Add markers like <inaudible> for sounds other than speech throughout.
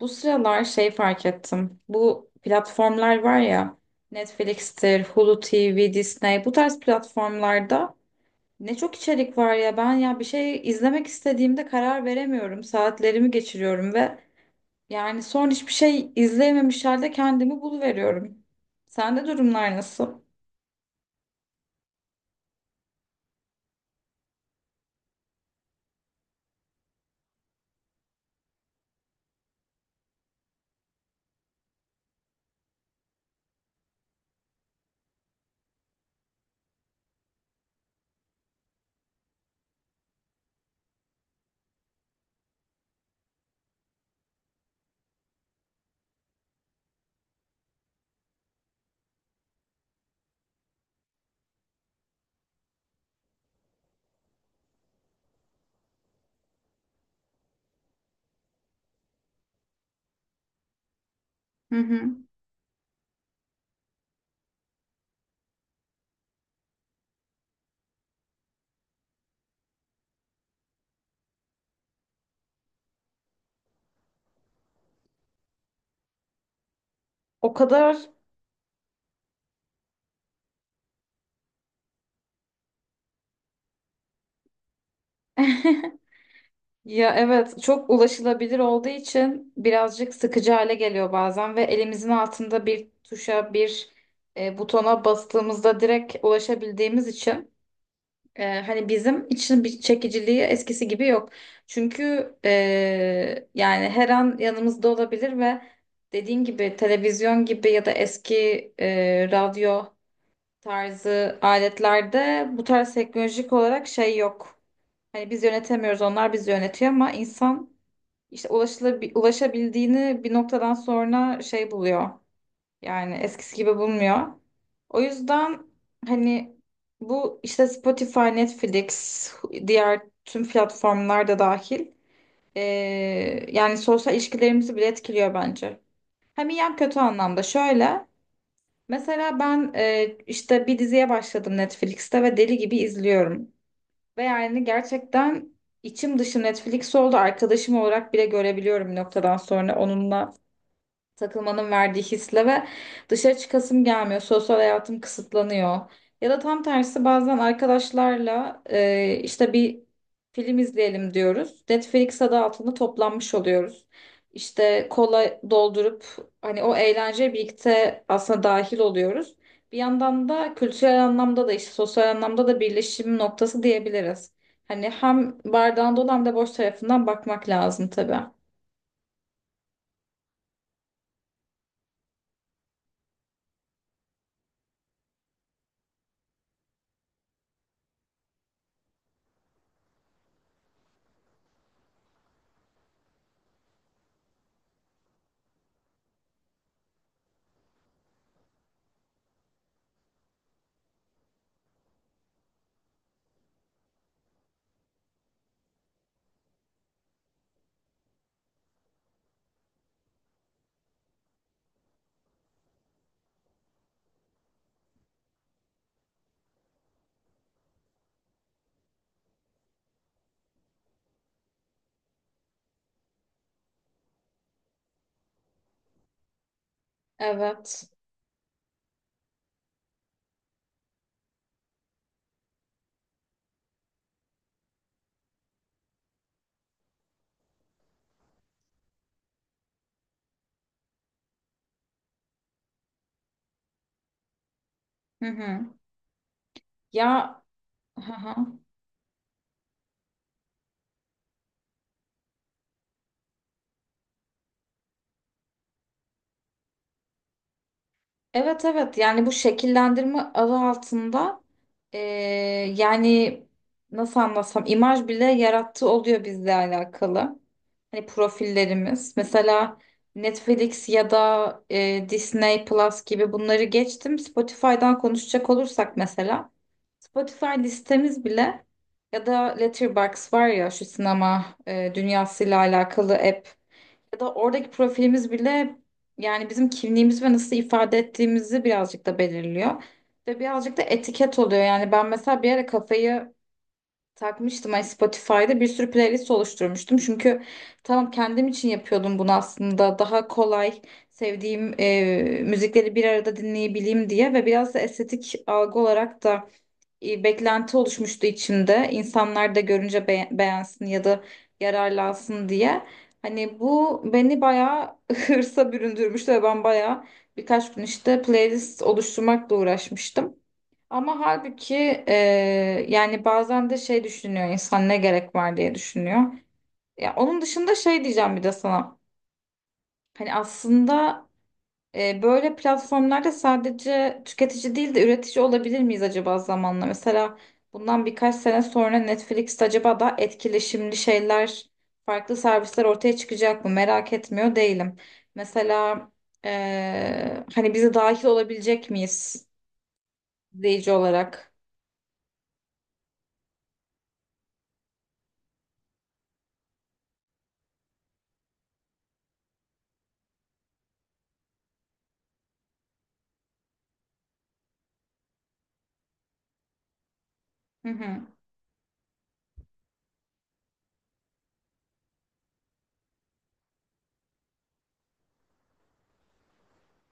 Bu sıralar fark ettim. Bu platformlar var ya, Netflix'tir, Hulu TV, Disney, bu tarz platformlarda ne çok içerik var ya, ben ya bir şey izlemek istediğimde karar veremiyorum. Saatlerimi geçiriyorum ve yani son hiçbir şey izleyememiş halde kendimi buluveriyorum. Sende durumlar nasıl? Hı hı. O kadar <laughs> Ya evet, çok ulaşılabilir olduğu için birazcık sıkıcı hale geliyor bazen ve elimizin altında bir tuşa butona bastığımızda direkt ulaşabildiğimiz için, hani bizim için bir çekiciliği eskisi gibi yok. Çünkü e, yani her an yanımızda olabilir ve dediğin gibi televizyon gibi ya da eski radyo tarzı aletlerde bu tarz teknolojik olarak yok. Hani biz yönetemiyoruz, onlar bizi yönetiyor, ama insan işte ulaşabildiğini bir noktadan sonra buluyor. Yani eskisi gibi bulmuyor. O yüzden hani bu işte Spotify, Netflix, diğer tüm platformlar da dahil. Ee, Yani sosyal ilişkilerimizi bile etkiliyor bence. Hem iyi hem kötü anlamda. Şöyle mesela ben, işte bir diziye başladım Netflix'te ve deli gibi izliyorum. Ve yani gerçekten içim dışı Netflix oldu. Arkadaşım olarak bile görebiliyorum bir noktadan sonra. Onunla takılmanın verdiği hisle ve dışarı çıkasım gelmiyor. Sosyal hayatım kısıtlanıyor. Ya da tam tersi, bazen arkadaşlarla, işte bir film izleyelim diyoruz. Netflix adı altında toplanmış oluyoruz. İşte kola doldurup hani o eğlenceye birlikte aslında dahil oluyoruz. Bir yandan da kültürel anlamda da işte sosyal anlamda da birleşim noktası diyebiliriz. Hani hem bardağın dolu hem de boş tarafından bakmak lazım tabii. Evet. Hı hı. Ya hı hı. Evet evet, yani bu şekillendirme adı altında, yani nasıl anlatsam, imaj bile yarattığı oluyor bizle alakalı. Hani profillerimiz mesela Netflix ya da Disney Plus gibi, bunları geçtim. Spotify'dan konuşacak olursak mesela Spotify listemiz bile, ya da Letterboxd var ya şu sinema dünyasıyla alakalı app, ya da oradaki profilimiz bile, yani bizim kimliğimiz ve nasıl ifade ettiğimizi birazcık da belirliyor. Ve birazcık da etiket oluyor. Yani ben mesela bir ara kafayı takmıştım. Hani Spotify'da bir sürü playlist oluşturmuştum. Çünkü tamam, kendim için yapıyordum bunu aslında. Daha kolay sevdiğim müzikleri bir arada dinleyebileyim diye, ve biraz da estetik algı olarak da beklenti oluşmuştu içimde. İnsanlar da görünce beğensin ya da yararlansın diye. Hani bu beni bayağı <laughs> hırsa büründürmüştü ve ben bayağı birkaç gün işte playlist oluşturmakla uğraşmıştım. Ama halbuki, e, yani bazen de şey düşünüyor insan, ne gerek var diye düşünüyor. Ya onun dışında şey diyeceğim bir de sana. Hani aslında, böyle platformlarda sadece tüketici değil de üretici olabilir miyiz acaba zamanla? Mesela bundan birkaç sene sonra Netflix'te acaba daha etkileşimli şeyler, farklı servisler ortaya çıkacak mı? Merak etmiyor değilim. Mesela hani bize dahil olabilecek miyiz izleyici olarak? Hı hı.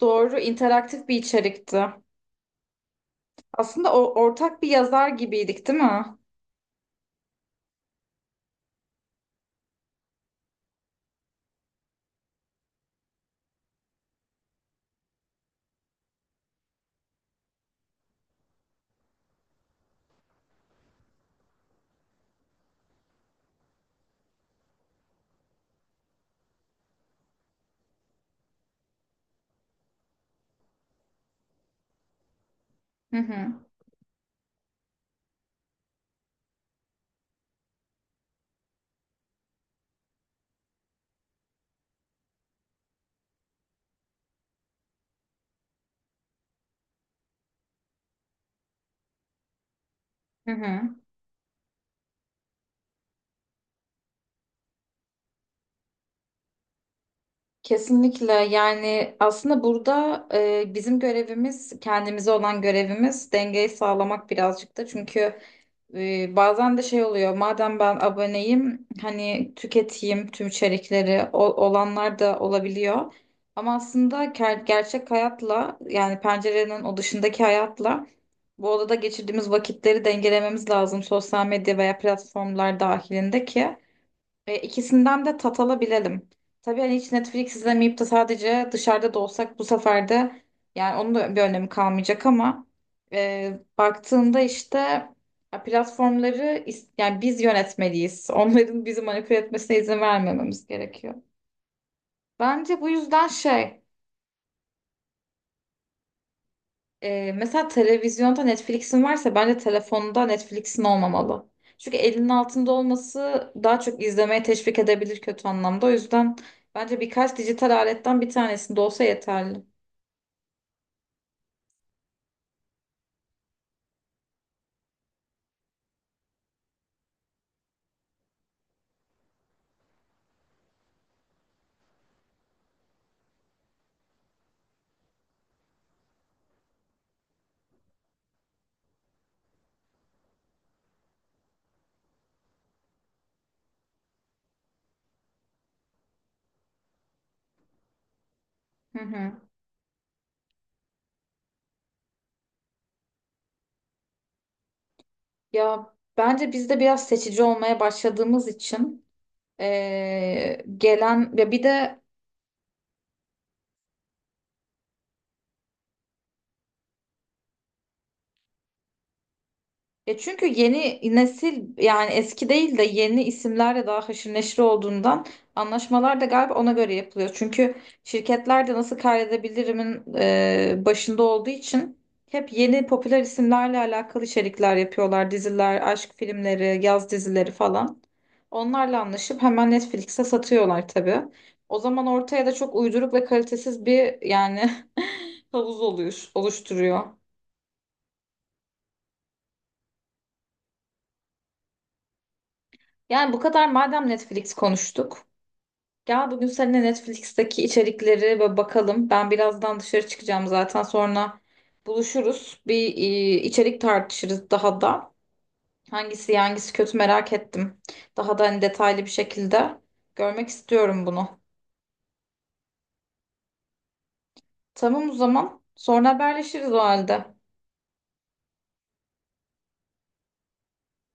Doğru, interaktif bir içerikti. Aslında o, ortak bir yazar gibiydik, değil mi? Hı hı. Hı hı. Kesinlikle, yani aslında burada, bizim görevimiz, kendimize olan görevimiz dengeyi sağlamak birazcık da, çünkü bazen de şey oluyor, madem ben aboneyim hani tüketeyim tüm içerikleri, olanlar da olabiliyor, ama aslında gerçek hayatla, yani pencerenin o dışındaki hayatla bu odada geçirdiğimiz vakitleri dengelememiz lazım sosyal medya veya platformlar dahilinde ki. İkisinden de tat alabilelim. Tabii hani hiç Netflix izlemeyip de sadece dışarıda da olsak bu sefer de yani onun da bir önemi kalmayacak, ama baktığında işte, ya platformları, yani biz yönetmeliyiz. Onların bizi manipüle etmesine izin vermememiz gerekiyor. Bence bu yüzden şey. Mesela televizyonda Netflix'in varsa bence telefonda Netflix'in olmamalı. Çünkü elinin altında olması daha çok izlemeye teşvik edebilir kötü anlamda. O yüzden bence birkaç dijital aletten bir tanesinde olsa yeterli. Hı hı. Ya bence biz de biraz seçici olmaya başladığımız için, gelen ya bir de. Ya çünkü yeni nesil, yani eski değil de yeni isimlerle daha haşır neşir olduğundan, anlaşmalar da galiba ona göre yapılıyor. Çünkü şirketler de nasıl kaydedebilirimin başında olduğu için hep yeni popüler isimlerle alakalı içerikler yapıyorlar. Diziler, aşk filmleri, yaz dizileri falan. Onlarla anlaşıp hemen Netflix'e satıyorlar tabii. O zaman ortaya da çok uyduruk ve kalitesiz bir yani <laughs> havuz oluyor, oluşturuyor. Yani bu kadar madem Netflix konuştuk. Gel bugün seninle Netflix'teki içerikleri böyle bakalım. Ben birazdan dışarı çıkacağım zaten, sonra buluşuruz. Bir içerik tartışırız daha da. Hangisi iyi, hangisi kötü merak ettim. Daha da hani detaylı bir şekilde görmek istiyorum bunu. Tamam o zaman. Sonra haberleşiriz o halde.